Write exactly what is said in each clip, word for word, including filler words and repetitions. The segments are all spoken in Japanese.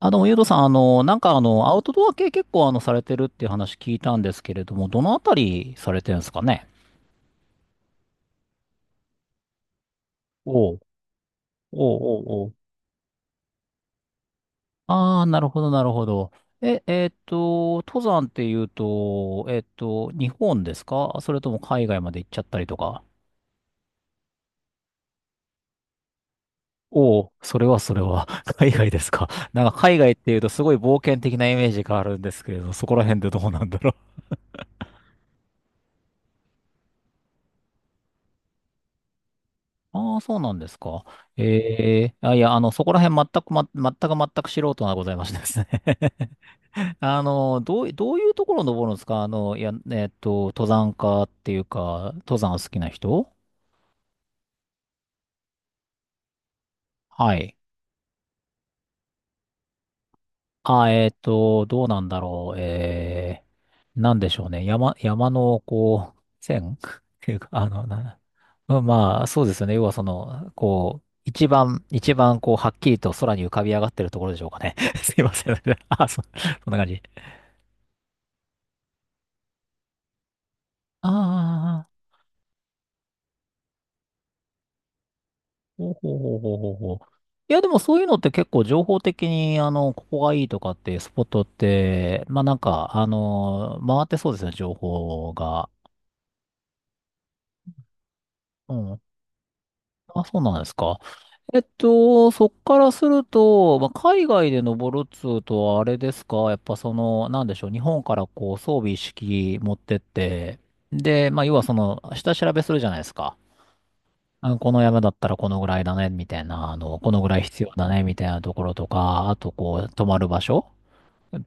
あ、どうも、ゆうとさん、あの、なんか、あの、アウトドア系結構、あの、されてるっていう話聞いたんですけれども、どのあたりされてるんですかね。おう、おう、おう、おう。ああー、なるほど、なるほど。え、えーっと、登山っていうと、えーっと、日本ですか、それとも海外まで行っちゃったりとか。おお、それはそれは、海外ですか。なんか海外っていうとすごい冒険的なイメージがあるんですけれど、そこら辺でどうなんだろう。ああ、そうなんですか。ええあ、いや、あの、そこら辺全く、ま、全く全く素人がございましてですね。 あの、どうい、どういうところ登るんですか。あの、いや、えっと、登山家っていうか、登山好きな人。はい。あ、えっと、どうなんだろう。えー、なんでしょうね。山、山の、こう、線 っていうか、あの、な、うんまあ、そうですよね。要はその、こう、一番、一番、こう、はっきりと空に浮かび上がってるところでしょうかね。すいません。あ、そ、そんな感じ。ああ、ほうほうほうほうほうほう。いや、でもそういうのって結構情報的に、あの、ここがいいとかっていうスポットって、まあなんか、あの、回ってそうですよね、情報が。うん。あ、そうなんですか。えっと、そっからすると、まあ、海外で登るっつうとはあれですか。やっぱその、なんでしょう、日本からこう装備一式持ってって、で、まあ、要はその、下調べするじゃないですか。あの、この山だったらこのぐらいだね、みたいな、あの、このぐらい必要だね、みたいなところとか、あとこう、泊まる場所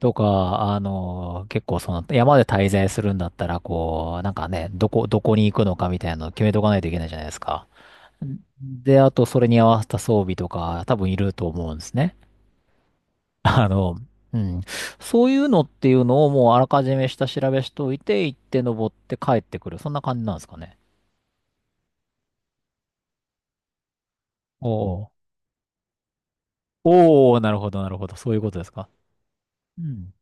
とか、あの、結構その、山で滞在するんだったら、こう、なんかね、どこ、どこに行くのかみたいなのを決めとかないといけないじゃないですか。で、あとそれに合わせた装備とか多分いると思うんですね。あの、うん。そういうのっていうのをもうあらかじめ下調べしといて、行って登って帰ってくる。そんな感じなんですかね。おおおおなるほど、なるほど。そういうことですか。うん。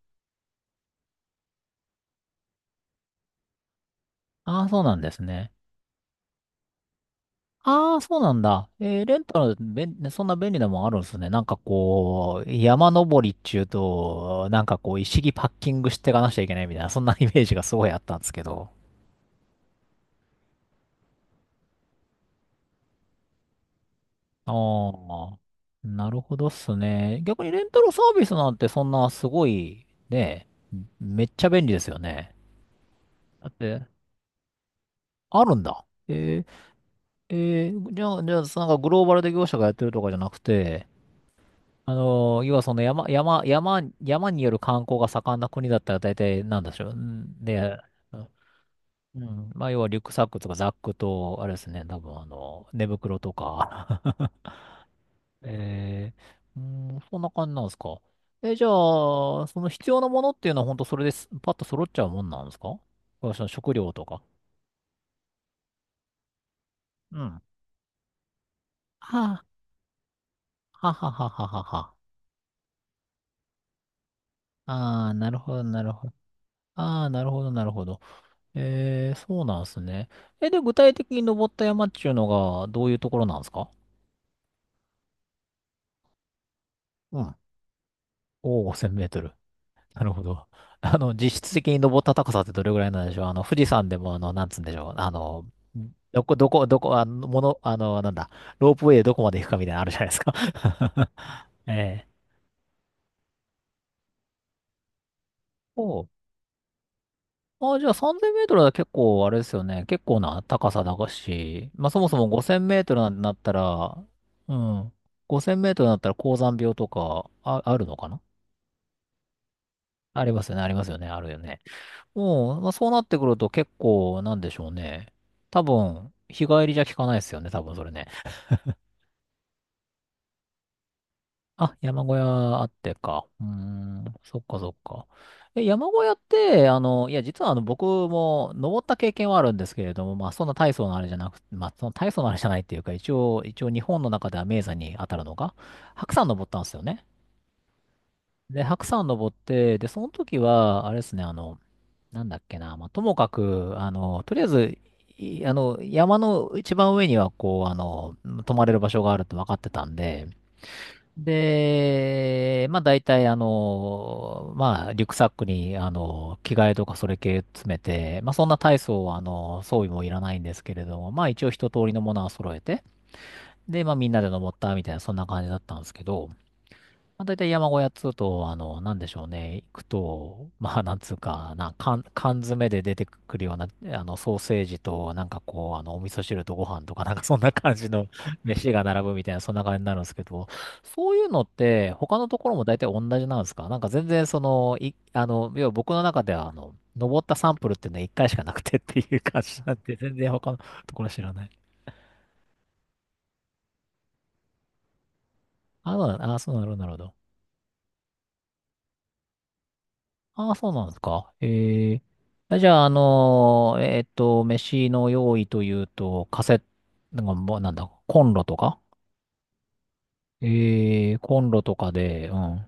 ああ、そうなんですね。ああ、そうなんだ。えーレンタル、べん、そんな便利なもんあるんですね。なんかこう、山登りっちゅうと、なんかこう、一式パッキングしていかなきちゃいけないみたいな、そんなイメージがすごいあったんですけど。ああ、なるほどっすね。逆にレンタルサービスなんてそんなすごい、ね、めっちゃ便利ですよね。だって、あるんだ。えー、えー、じゃあ、じゃあ、なんかグローバルで業者がやってるとかじゃなくて、あのー要はその山、山、山、山による観光が盛んな国だったら大体なんでしょう。んで、うん、まあ、要はリュックサックとかザックと、あれですね、多分あの、寝袋とか。えー、うーん、そんな感じなんですか。え、じゃあ、その必要なものっていうのは本当それです、パッと揃っちゃうもんなんですか。その食料とか。うん。はあ、はははははは。ああ、なるほど、なるほど。ああ、なるほど、なるほど。えー、そうなんですね。え、で、具体的に登った山っていうのが、どういうところなんですか。うん。おお、ぜろ ぜろ ぜろメートル。なるほど。あの、実質的に登った高さってどれぐらいなんでしょう。あの、富士山でも、あの、なんつうんでしょう。あの、どこ、どこ、どこ、あの、もの、あの、なんだ、ロープウェイでどこまで行くかみたいなのあるじゃないですか。ええ。おう。あ、じゃあさんぜんメートルは結構、あれですよね。結構な高さだし、まあそもそもごせんメートルになったら、うん。ごせんメートルになったら高山病とか、あ、あるのかな。ありますよね、ありますよね、あるよね。うん、まあ、そうなってくると結構、なんでしょうね。多分、日帰りじゃ効かないですよね、多分それね。あ、山小屋あってか。うーん、そっかそっか。え、山小屋って、あの、いや、実はあの、僕も登った経験はあるんですけれども、まあ、そんな大層なあれじゃなく、まあ、その大層なあれじゃないっていうか、一応、一応日本の中では名山に当たるのが、白山登ったんですよね。で、白山登って、で、その時は、あれですね、あの、なんだっけな、まあ、ともかく、あの、とりあえず、いあの、山の一番上には、こう、あの、泊まれる場所があるって分かってたんで、で、まあ、大体、あの、まあ、リュックサックに、あの、着替えとかそれ系詰めて、まあ、そんな大層、あの、装備もいらないんですけれども、まあ、一応一通りのものは揃えて、で、まあ、みんなで登ったみたいな、そんな感じだったんですけど、まあ、大体山小屋っつうと、あの、なんでしょうね、行くと、まあ、なんつうかな、缶、缶詰で出てくるような、あの、ソーセージと、なんかこう、あの、お味噌汁とご飯とか、なんか そんな感じの 飯が並ぶみたいな、そんな感じになるんですけど、そういうのって、他のところも大体同じなんですか。なんか全然、その、い、あの、要は僕の中では、あの、登ったサンプルっていうのはいっかいしかなくてっていう感じなんで、全然他のところ知らない。あ、そうなあ、そうなるほどなるほど。ああ、そうなんですか。ええあじゃあ、あのーえーっと、飯の用意というと、カセットなんかもうなんだ、コンロとか。ええコンロとかで、うん。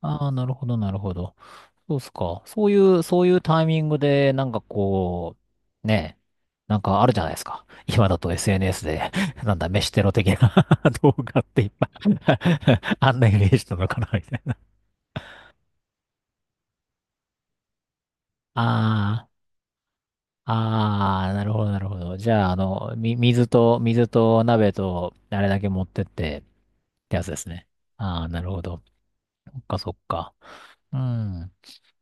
ああ、なるほど、なるほど。そうっすか。そういう、そういうタイミングで、なんかこう、ねえ、なんかあるじゃないですか。今だと エスエヌエス で、なんだ、飯テロ的な 動画っていっぱい あんなイメージなのかな、みたいな。ああ。ああ、なるほど、なるほど。じゃあ、あの、み、水と、水と鍋と、あれだけ持ってって、ってやつですね。ああ、なるほど。そっか、そっか。うん。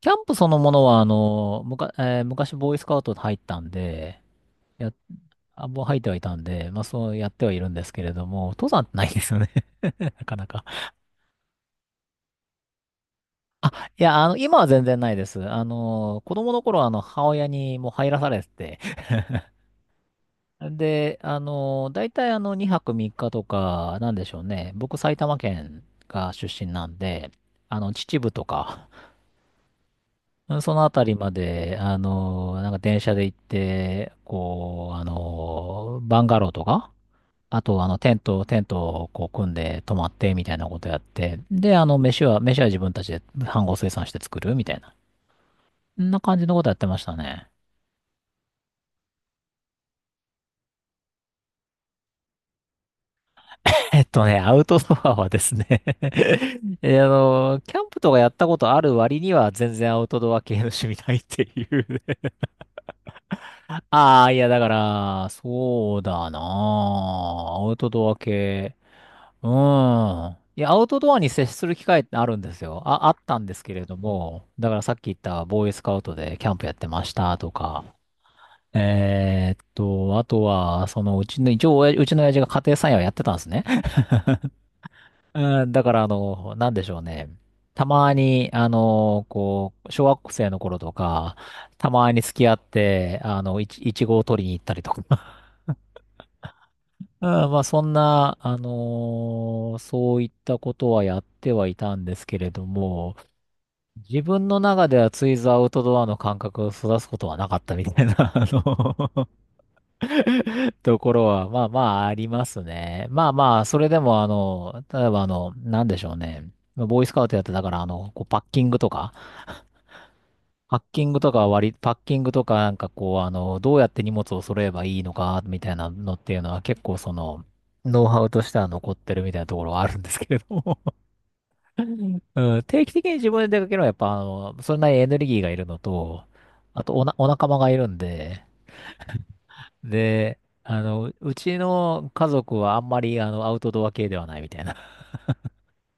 キャンプそのものは、あの、むか、えー昔ボーイスカウト入ったんで、や、あ、もう入ってはいたんで、まあそうやってはいるんですけれども、登山ってないですよね。 なかなか。いや、あの、今は全然ないです。あの、子供の頃はあの、母親にもう入らされてて、で、あの、大体あの、にはくみっかとか、なんでしょうね。僕、埼玉県が出身なんで、あの、秩父とか、うんそのあたりまで、あの、なんか電車で行って、こう、あの、バンガローとか、あと、あの、テント、テントをこう、組んで泊まって、みたいなことやって、で、あの、飯は、飯は自分たちで飯盒生産して作る、みたいな。そんな感じのことやってましたね。えっとね、アウトドアはですね、 えあの、キャンプとかやったことある割には全然アウトドア系の趣味ないっていうね。 ああ、いや、だから、そうだなあ。アウトドア系。うん。いや、アウトドアに接する機会ってあるんですよ。あ、あったんですけれども、だからさっき言ったボーイスカウトでキャンプやってましたとか、えーっと、あとは、そのうちの、一応、親うちの親父が家庭菜園をやってたんですね。うん、だからあの、なんでしょうね。たまに、あの、こう、小学生の頃とか、たまに付き合って、あの、いち、いちごを取りに行ったりとか。うん、まあそんな、あのそういったことはやってはいたんですけれども、自分の中ではついぞアウトドアの感覚を育つことはなかったみたいな、あのところは、まあまあありますね。まあまあ、それでもあの、例えばあの、なんでしょうね。ボーイスカウトやってたから、あの、こうパッキングとか、パッキングとかは割り、パッキングとかなんかこう、あの、どうやって荷物を揃えばいいのか、みたいなのっていうのは結構その、ノウハウとしては残ってるみたいなところはあるんですけれども。 うん、定期的に自分で出かけるのはやっぱあの、それなりにエネルギーがいるのと、あとおな、お仲間がいるんで、で、あの、うちの家族はあんまりあのアウトドア系ではないみたいな。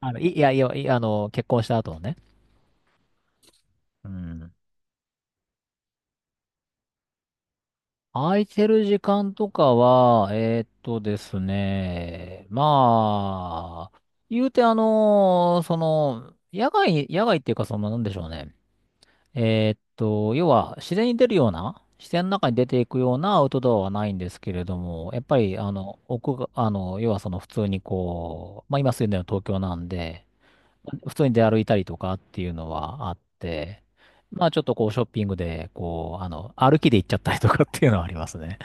あの、い、いやいや、いあの、結婚した後のね。うん。空いてる時間とかは、えーっとですね、まあ、言うてあの、その、野外、野外っていうか、その、なんでしょうね。えーっと、要は自然に出るような、自然の中に出ていくようなアウトドアはないんですけれども、やっぱり、あの、奥が、あの、要はその普通にこう、まあ今住んでるの東京なんで、普通に出歩いたりとかっていうのはあって、まあちょっとこうショッピングで、こう、あの、歩きで行っちゃったりとかっていうのはありますね。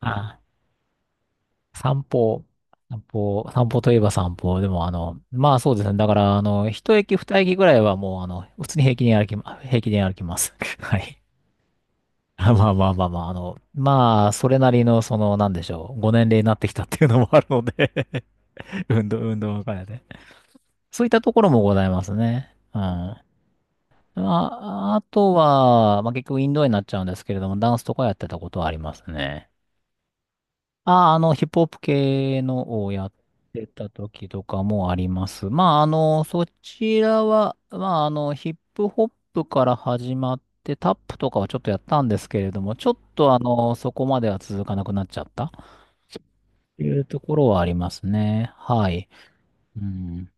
あ、散歩。散歩、散歩といえば散歩。でも、あの、まあそうですね。だから、あの、一駅二駅ぐらいはもう、あの、普通に平気に歩きま、平気で歩きます。はい。あまあまあまあまあ、あの、まあ、それなりの、その、なんでしょう、ご年齢になってきたっていうのもあるので。 運動、運動会で。そういったところもございますね。うん。まあ、あとは、まあ結局インドアになっちゃうんですけれども、ダンスとかやってたことはありますね。あ、あの、ヒップホップ系のをやってた時とかもあります。まあ、あの、そちらは、まあ、あの、ヒップホップから始まって、タップとかはちょっとやったんですけれども、ちょっとあの、そこまでは続かなくなっちゃったというところはありますね。はい。うん。